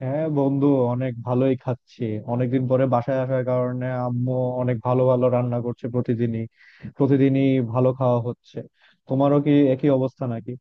হ্যাঁ, বন্ধু। অনেক ভালোই খাচ্ছি। অনেকদিন পরে বাসায় আসার কারণে আম্মু অনেক ভালো ভালো রান্না করছে প্রতিদিনই। প্রতিদিনই ভালো খাওয়া হচ্ছে। তোমারও কি একই অবস্থা নাকি?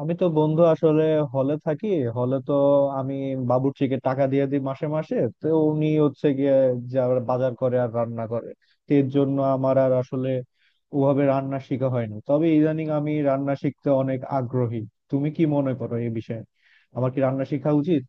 আমি তো বন্ধু আসলে হলে থাকি। হলে তো আমি বাবুর্চিকে টাকা দিয়ে দিই মাসে মাসে, তো উনি হচ্ছে গিয়ে যা বাজার করে আর রান্না করে। তো এর জন্য আমার আর আসলে ওভাবে রান্না শেখা হয় না, তবে ইদানিং আমি রান্না শিখতে অনেক আগ্রহী। তুমি কি মনে করো এই বিষয়ে, আমার কি রান্না শেখা উচিত?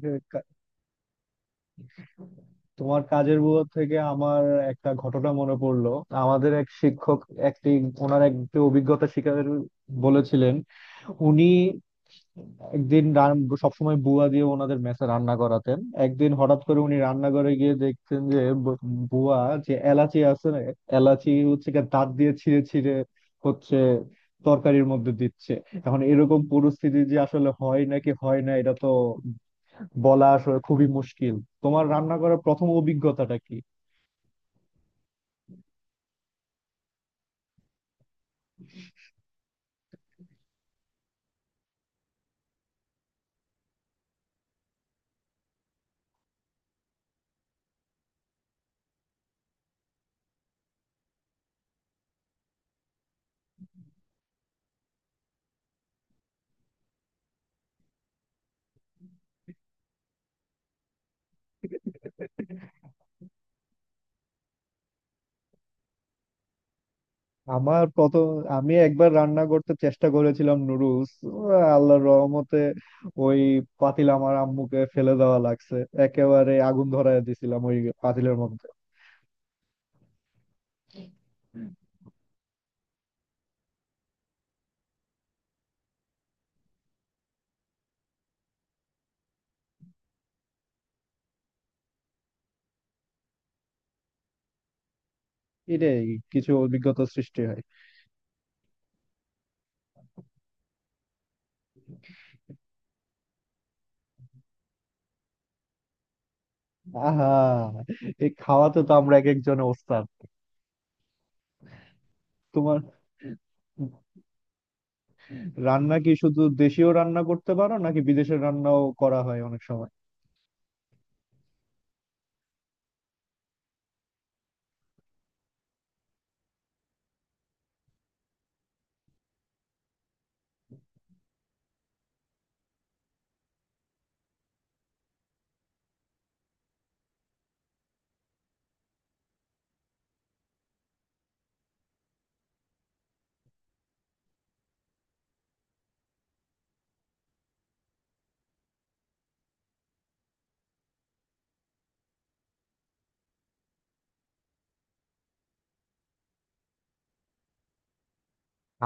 যে কা- তোমার কাজের বুয়া থেকে আমার একটা ঘটনা মনে পড়লো। আমাদের এক শিক্ষক, একটি ওনার একটি অভিজ্ঞতা শিকার বলেছিলেন। উনি একদিন সবসময় বুয়া দিয়ে ওনাদের মেসে রান্না করাতেন। একদিন হঠাৎ করে উনি রান্নাঘরে গিয়ে দেখতেন যে বুয়া, যে এলাচি আছে না, এলাচি হচ্ছে গিয়ে দাঁত দিয়ে ছিঁড়ে ছিঁড়ে হচ্ছে তরকারির মধ্যে দিচ্ছে। এখন এরকম পরিস্থিতি যে আসলে হয় নাকি হয় না, এটা তো বলা আসলে খুবই মুশকিল। তোমার রান্না করার প্রথম অভিজ্ঞতাটা কি? আমার প্রথম, আমি একবার রান্না করতে চেষ্টা করেছিলাম নুডলস। আল্লাহর রহমতে ওই পাতিল আমার আম্মুকে ফেলে দেওয়া লাগছে। একেবারে আগুন ধরায় দিছিলাম ওই পাতিলের মধ্যে। এটাই, কিছু অভিজ্ঞতা সৃষ্টি হয়। আহা, এই খাওয়াতে তো আমরা এক একজনে ওস্তাদ। তোমার রান্না কি শুধু দেশীয় রান্না করতে পারো নাকি বিদেশের রান্নাও করা হয় অনেক সময়?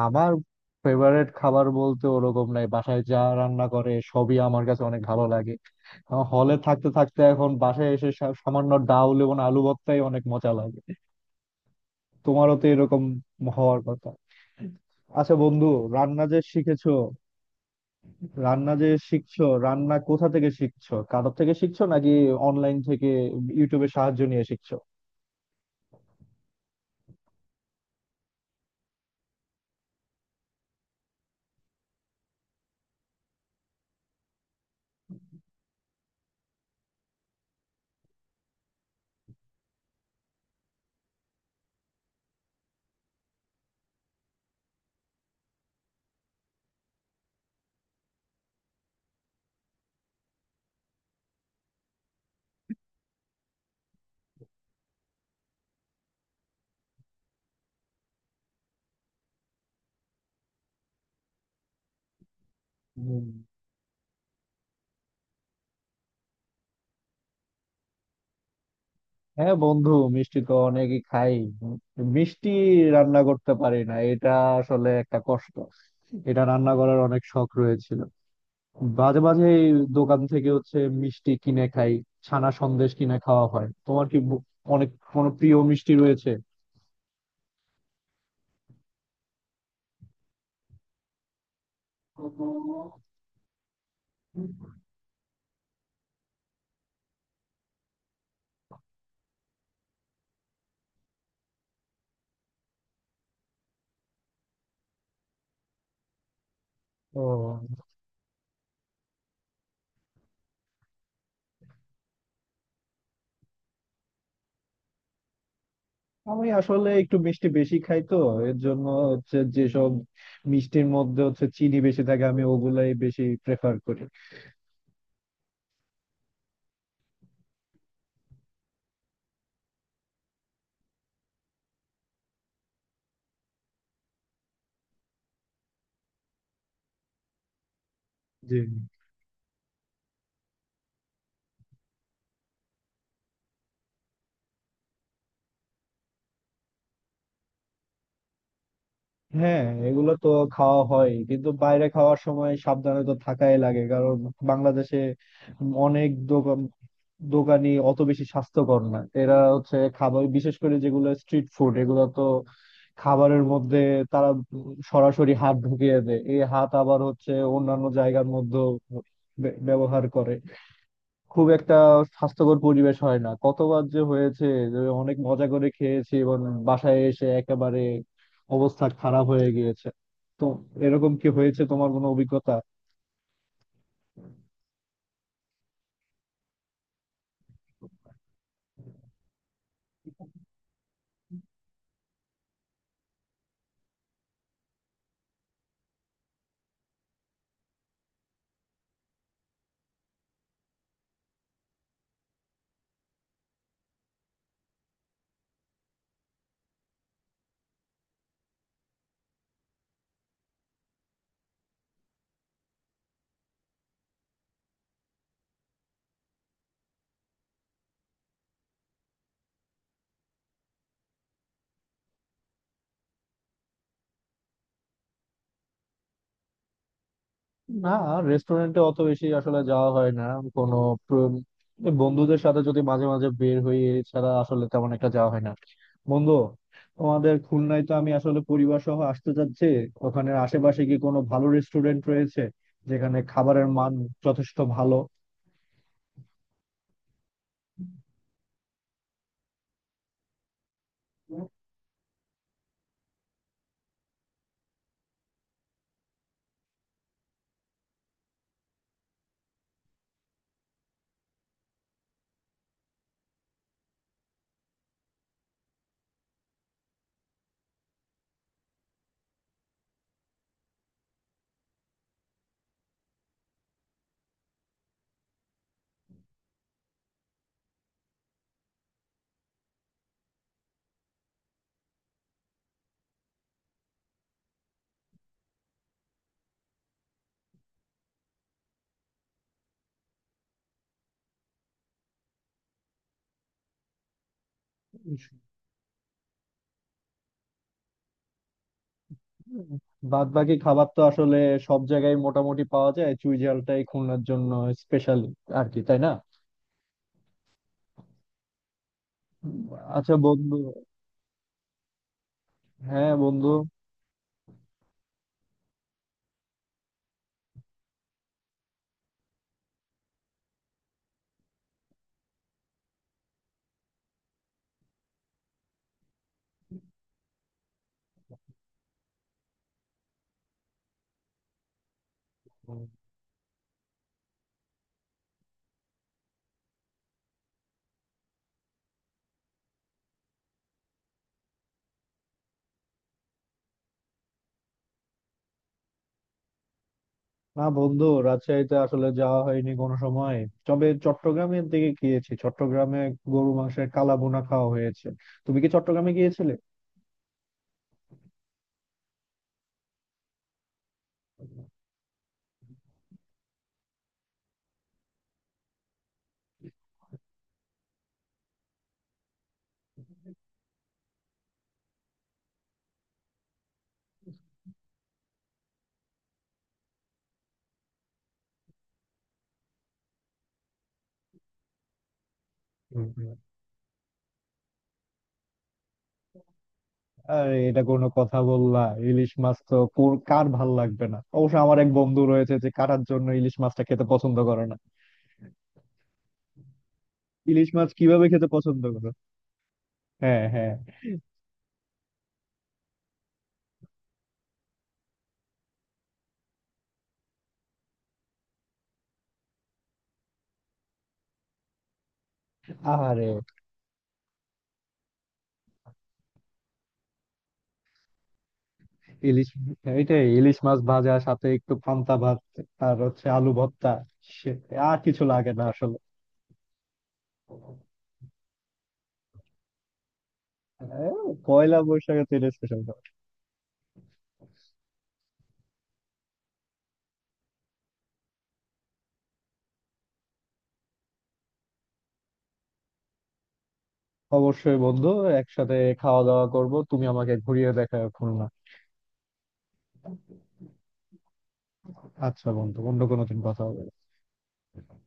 আমার ফেভারিট খাবার বলতে ওরকম নাই, বাসায় যা রান্না করে সবই আমার কাছে অনেক ভালো লাগে। হলে থাকতে থাকতে এখন বাসায় এসে সামান্য ডাউল এবং আলু ভর্তাই অনেক মজা লাগে। তোমারও তো এরকম হওয়ার কথা। আচ্ছা বন্ধু, রান্না যে শিখেছো রান্না যে শিখছো, রান্না কোথা থেকে শিখছো? কারোর থেকে শিখছো নাকি অনলাইন থেকে, ইউটিউবে সাহায্য নিয়ে শিখছো? হ্যাঁ বন্ধু, মিষ্টি তো অনেকই খাই। মিষ্টি রান্না করতে পারি না, এটা আসলে একটা কষ্ট। এটা রান্না করার অনেক শখ রয়েছিল। মাঝে মাঝে এই দোকান থেকে হচ্ছে মিষ্টি কিনে খাই, ছানা সন্দেশ কিনে খাওয়া হয়। তোমার কি ব- অনেক কোনো প্রিয় মিষ্টি রয়েছে? ও, আমি আসলে একটু মিষ্টি বেশি খাই তো, এর জন্য হচ্ছে যেসব মিষ্টির মধ্যে হচ্ছে চিনি বেশি থাকে আমি ওগুলাই বেশি প্রেফার করি। জি। হ্যাঁ, এগুলো তো খাওয়া হয়, কিন্তু বাইরে খাওয়ার সময় সাবধানে তো থাকাই লাগে, কারণ বাংলাদেশে অনেক দোকান, দোকানি অত বেশি স্বাস্থ্যকর না। এরা হচ্ছে খাবার, বিশেষ করে যেগুলো স্ট্রিট ফুড, এগুলো তো খাবারের মধ্যে তারা সরাসরি হাত ঢুকিয়ে দেয়। এই হাত আবার হচ্ছে অন্যান্য জায়গার মধ্যে ব্যবহার করে। খুব একটা স্বাস্থ্যকর পরিবেশ হয় না। কতবার যে হয়েছে যে অনেক মজা করে খেয়েছি এবং বাসায় এসে একেবারে অবস্থা খারাপ হয়ে গিয়েছে। তো এরকম কি হয়েছে তোমার কোনো অভিজ্ঞতা? না, রেস্টুরেন্টে অত বেশি আসলে যাওয়া হয় না। কোনো প্র- বন্ধুদের সাথে যদি মাঝে মাঝে বের হই, এছাড়া আসলে তেমন একটা যাওয়া হয় না। বন্ধু, তোমাদের খুলনায় তো আমি আসলে পরিবার সহ আসতে চাচ্ছি। ওখানে আশেপাশে কি কোনো ভালো রেস্টুরেন্ট রয়েছে যেখানে খাবারের মান যথেষ্ট ভালো? বাদ বাকি খাবার তো আসলে সব জায়গায় মোটামুটি পাওয়া যায়, চুই ঝালটাই খুলনার জন্য স্পেশাল, আর কি, তাই না? আচ্ছা বন্ধু। হ্যাঁ বন্ধু। না বন্ধু, রাজশাহীতে আসলে যাওয়া হয়নি কোনো সময়, তবে চট্টগ্রামের দিকে গিয়েছি। চট্টগ্রামে গরু মাংসের কালা বোনা খাওয়া হয়েছে। তুমি কি চট্টগ্রামে গিয়েছিলে? হুম, হুম। আরে, এটা কোনো কথা বললা? ইলিশ মাছ তো কার ভাল লাগবে না? অবশ্য আমার এক বন্ধু রয়েছে যে কাটার জন্য ইলিশ মাছটা খেতে পছন্দ করে না। ইলিশ মাছ কিভাবে খেতে পছন্দ করে? হ্যাঁ, হ্যাঁ। আরে ইলিশ, এটাই, ইলিশ মাছ ভাজা সাথে একটু পান্তা ভাত আর হচ্ছে আলু ভর্তা, সে আর কিছু লাগে না আসলে। এ, পয়লা বৈশাখে তো এটা স্পেশাল। অবশ্যই বন্ধু, একসাথে খাওয়া দাওয়া করব। তুমি আমাকে ঘুরিয়ে দেখাও খুলনা। আচ্ছা বন্ধু, অন্য কোনো দিন কথা হবে।